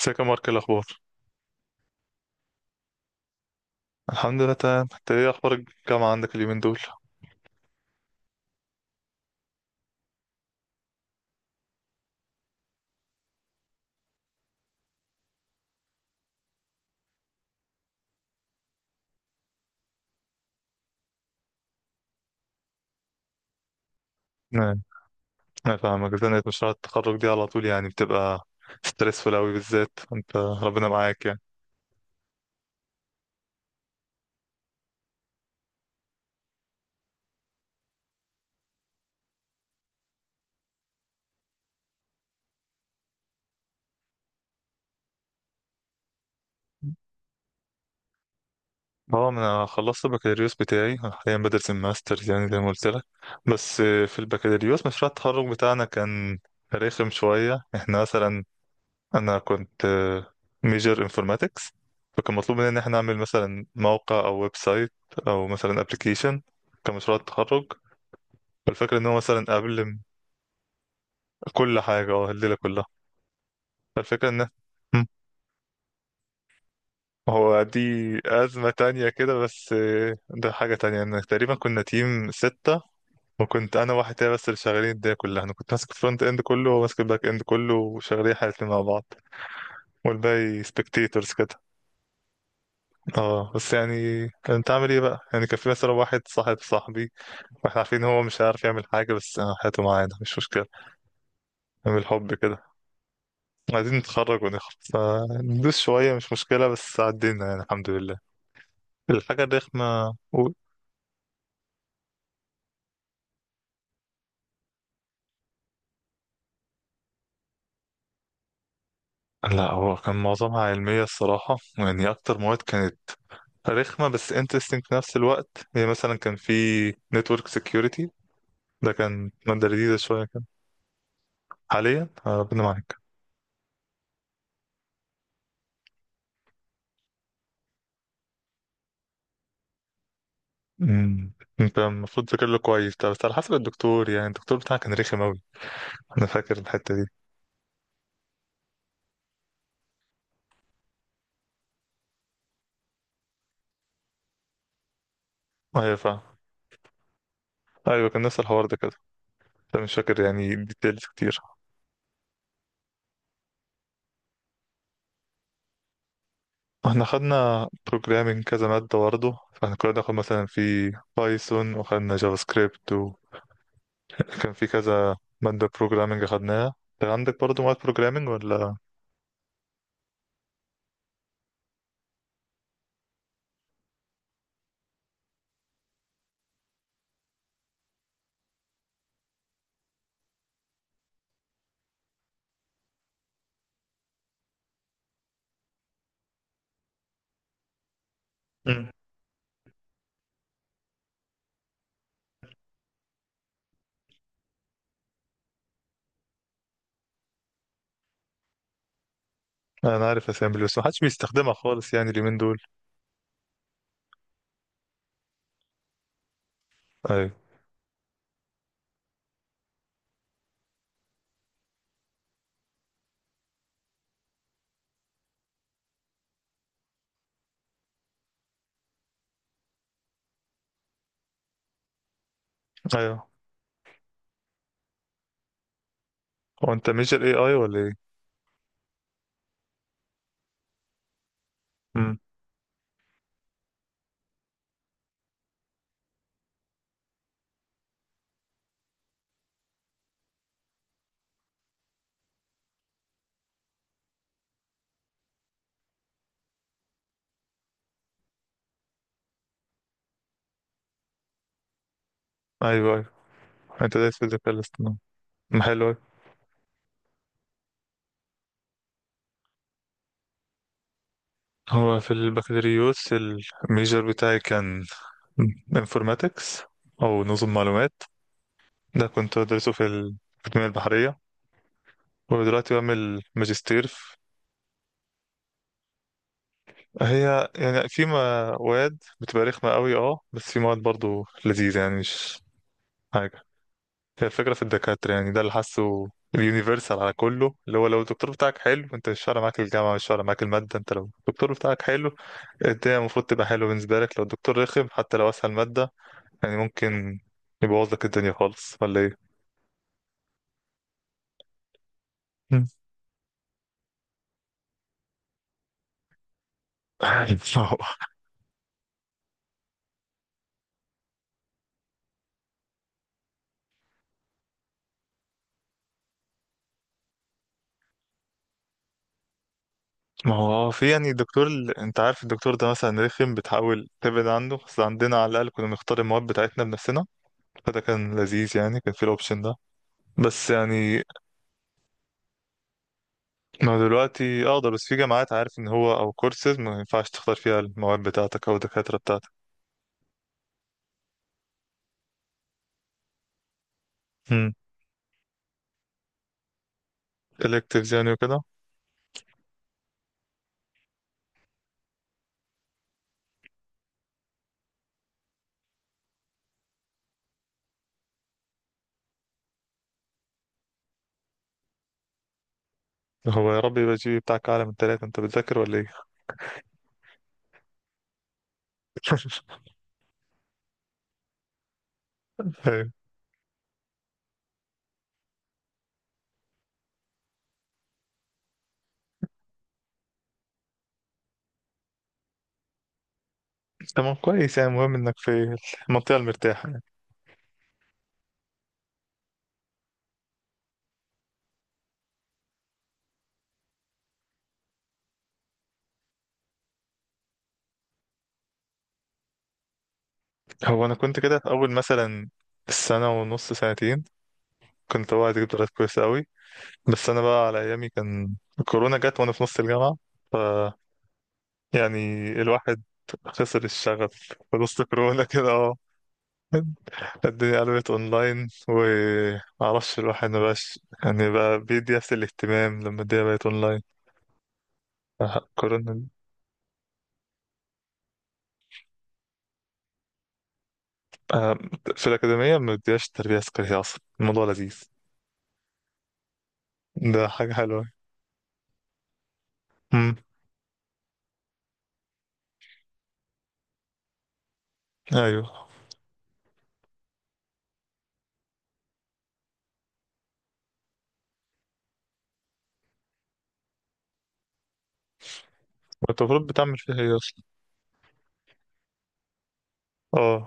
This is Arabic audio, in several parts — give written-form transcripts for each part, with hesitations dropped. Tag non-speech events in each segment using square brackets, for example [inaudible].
ازيك يا مارك؟ إيه الاخبار؟ الحمد لله تمام. انت ايه اخبار الجامعه عندك اليومين دول؟ نعم. انا فاهمك، زنقة مشروع التخرج دي على طول يعني بتبقى ستريسفول قوي، بالذات انت، ربنا معاك يعني. اه، انا خلصت البكالوريوس بتاعي. أنا حاليا بدرس الماسترز يعني زي ما قلت لك. بس في البكالوريوس مشروع التخرج بتاعنا كان رخم شويه، احنا مثلا، انا كنت ميجر انفورماتكس. فكان مطلوب مننا ان احنا نعمل مثلا موقع او ويب سايت، او مثلا ابلكيشن، كمشروع تخرج. فالفكرة ان هو مثلا كل حاجة، اه، الليلة كلها. فالفكرة ان مم. هو دي أزمة تانية كده. بس ده حاجة تانية ان تقريبا كنا تيم ستة، وكنت انا واحد تاني بس اللي شغالين الدنيا كلها. انا كنت ماسك الفرونت اند كله وهو ماسك الباك اند كله وشغالين احنا الاتنين مع بعض. والباقي سبكتيتورز كده. اه بس يعني، انت عامل ايه بقى؟ يعني كان في مثلا واحد صاحب صاحبي، واحنا عارفين هو مش هيعرف يعمل حاجة، بس هاته معانا مش مشكلة. من الحب كده. عايزين نتخرج ونخرج، فندوس شوية مش مشكلة، بس عدينا يعني الحمد لله. الحاجة الرخمة قول. لا، هو كان معظمها علمية الصراحة يعني. أكتر مواد كانت رخمة بس interesting في نفس الوقت. هي مثلا كان في network security، ده كان مادة جديدة شوية كده. حاليا ربنا معاك. مم. انت المفروض تذاكر له كويس ده، بس على حسب الدكتور يعني. الدكتور بتاعك كان رخم أوي؟ أنا فاكر الحتة دي. أيوة، فاهم. أيوة، كان نفس الحوار ده كده. أنا مش فاكر يعني details كتير. احنا خدنا بروجرامينج كذا مادة برضه، فاحنا كنا بناخد مثلا في بايثون، وخدنا جافا سكريبت، وكان في كذا مادة بروجرامينج خدناها. انت عندك برضه مواد بروجرامينج ولا؟ مم. انا عارف اسامبلي، بس محدش بيستخدمها خالص يعني اليومين دول. ايوه، ايوه. هو انت ميجر اي اي ولا ايه؟ امم ايوه، ايوه. انت دايس في الذكاء الاصطناعي؟ حلو أوي. هو في البكالوريوس الميجر بتاعي كان انفورماتكس، او نظم معلومات. ده كنت بدرسه في التنمية البحرية، ودلوقتي بعمل ماجستير في... هي يعني في مواد بتبقى رخمة قوي، اه بس في مواد برضو لذيذة يعني، مش حاجة. هي الفكرة في الدكاترة يعني، ده اللي حاسه. اليونيفرسال على كله، اللي هو لو الدكتور بتاعك حلو، انت مش فارق معاك الجامعة، مش فارق معاك المادة. انت لو الدكتور بتاعك حلو، الدنيا المفروض تبقى حلوة بالنسبة لك. لو الدكتور رخم، حتى لو أسهل مادة، يعني ممكن يبوظ لك الدنيا خالص، ولا ايه؟ مم. [laughs] صح. ما هو في يعني دكتور انت عارف الدكتور ده مثلا رخم، بتحاول تبعد عنه. بس عندنا على الاقل كنا بنختار المواد بتاعتنا بنفسنا، فده كان لذيذ يعني، كان في الاوبشن ده. بس يعني، ما هو دلوقتي اقدر، بس في جامعات عارف ان هو او كورسز ما ينفعش تختار فيها المواد بتاعتك او الدكاتره بتاعتك. امم electives يعني وكده. هو يا رب يبقى الجي بي بتاعك اعلى من ثلاثة. انت بتذاكر ولا ايه؟ [laughs] ايوه، تمام كويس يعني، المهم انك في المنطقه المرتاحه يعني. هو انا كنت كده في اول مثلا السنه ونص، سنتين كنت، هو هتجيب درجات كويسة أوي. بس أنا بقى على أيامي كان الكورونا جت وأنا في نص الجامعة. ف يعني الواحد خسر الشغف. في نص كورونا [laughs] كده اه. الدنيا قلبت اونلاين ومعرفش، الواحد مبقاش يعني بقى بيدي نفس الاهتمام لما الدنيا بقت اونلاين. آه، كورونا. آه، في الأكاديمية ما بتديهاش تربية عسكرية أصلا، الموضوع لذيذ. ده حاجة حلوة. امم أيوه. وأنت المفروض بتعمل فيها إيه أصلا؟ اه.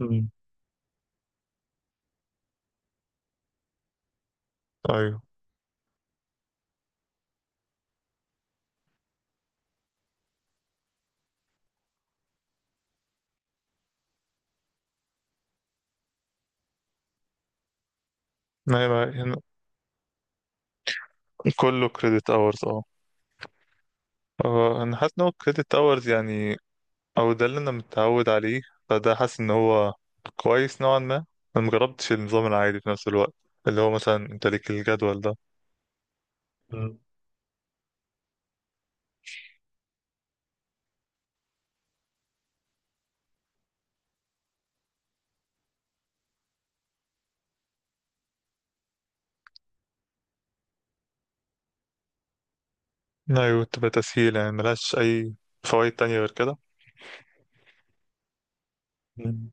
امم أيوه. ما هي كله كريدت اورز اه. انا حاسس ان هو كريدت اورز يعني. او ده اللي انا متعود عليه، فده حاسس ان هو كويس نوعا ما. انا مجربتش النظام العادي في نفس الوقت، اللي هو مثلا انت ليك الجدول ده. مم. ايوه، تبقى تسهيل يعني، ملهاش اي فوائد تانية غير كده. مم.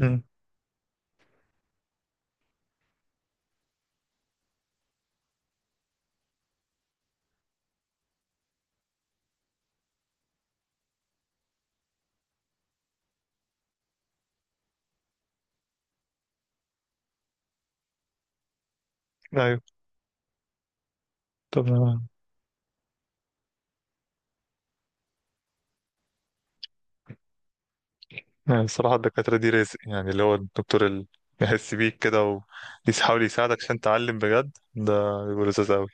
امم ايوه. طب يعني الصراحة الدكاترة دي رزق يعني، اللي هو الدكتور اللي يحس بيك كده ويحاول يساعدك عشان تعلم بجد، ده بيبقى لذيذ أوي.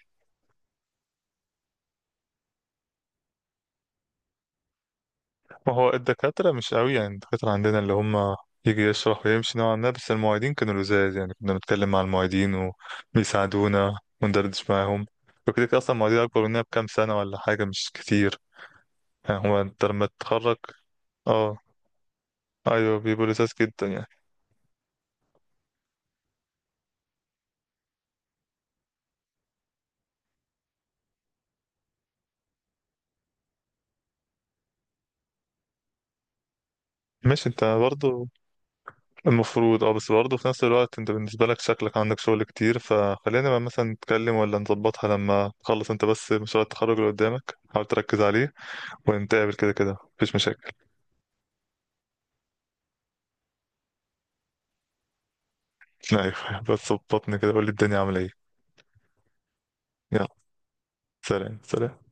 ما هو الدكاترة مش قوي يعني، الدكاترة عندنا اللي هم يجي يشرح ويمشي نوعا ما. بس المعيدين كانوا لزاز يعني، كنا بنتكلم مع المعيدين وبيساعدونا وندردش معاهم وكده. كده أصلا المعيدين أكبر مننا بكام سنة ولا حاجة، مش كتير. يعني هو أنت لما تتخرج، اه، أيوه بيبقوا لزاز جدا يعني. ماشي، أنت برضه المفروض اه، بس برضه في نفس الوقت أنت بالنسبة لك شكلك عندك شغل كتير، فخلينا بقى مثلا نتكلم، ولا نظبطها لما تخلص أنت بس مشروع التخرج اللي قدامك حاول تركز عليه، ونتقابل كده. كده مفيش مشاكل. ايوه بس بطني كده، قول لي الدنيا عامله ايه. يلا، سلام سلام.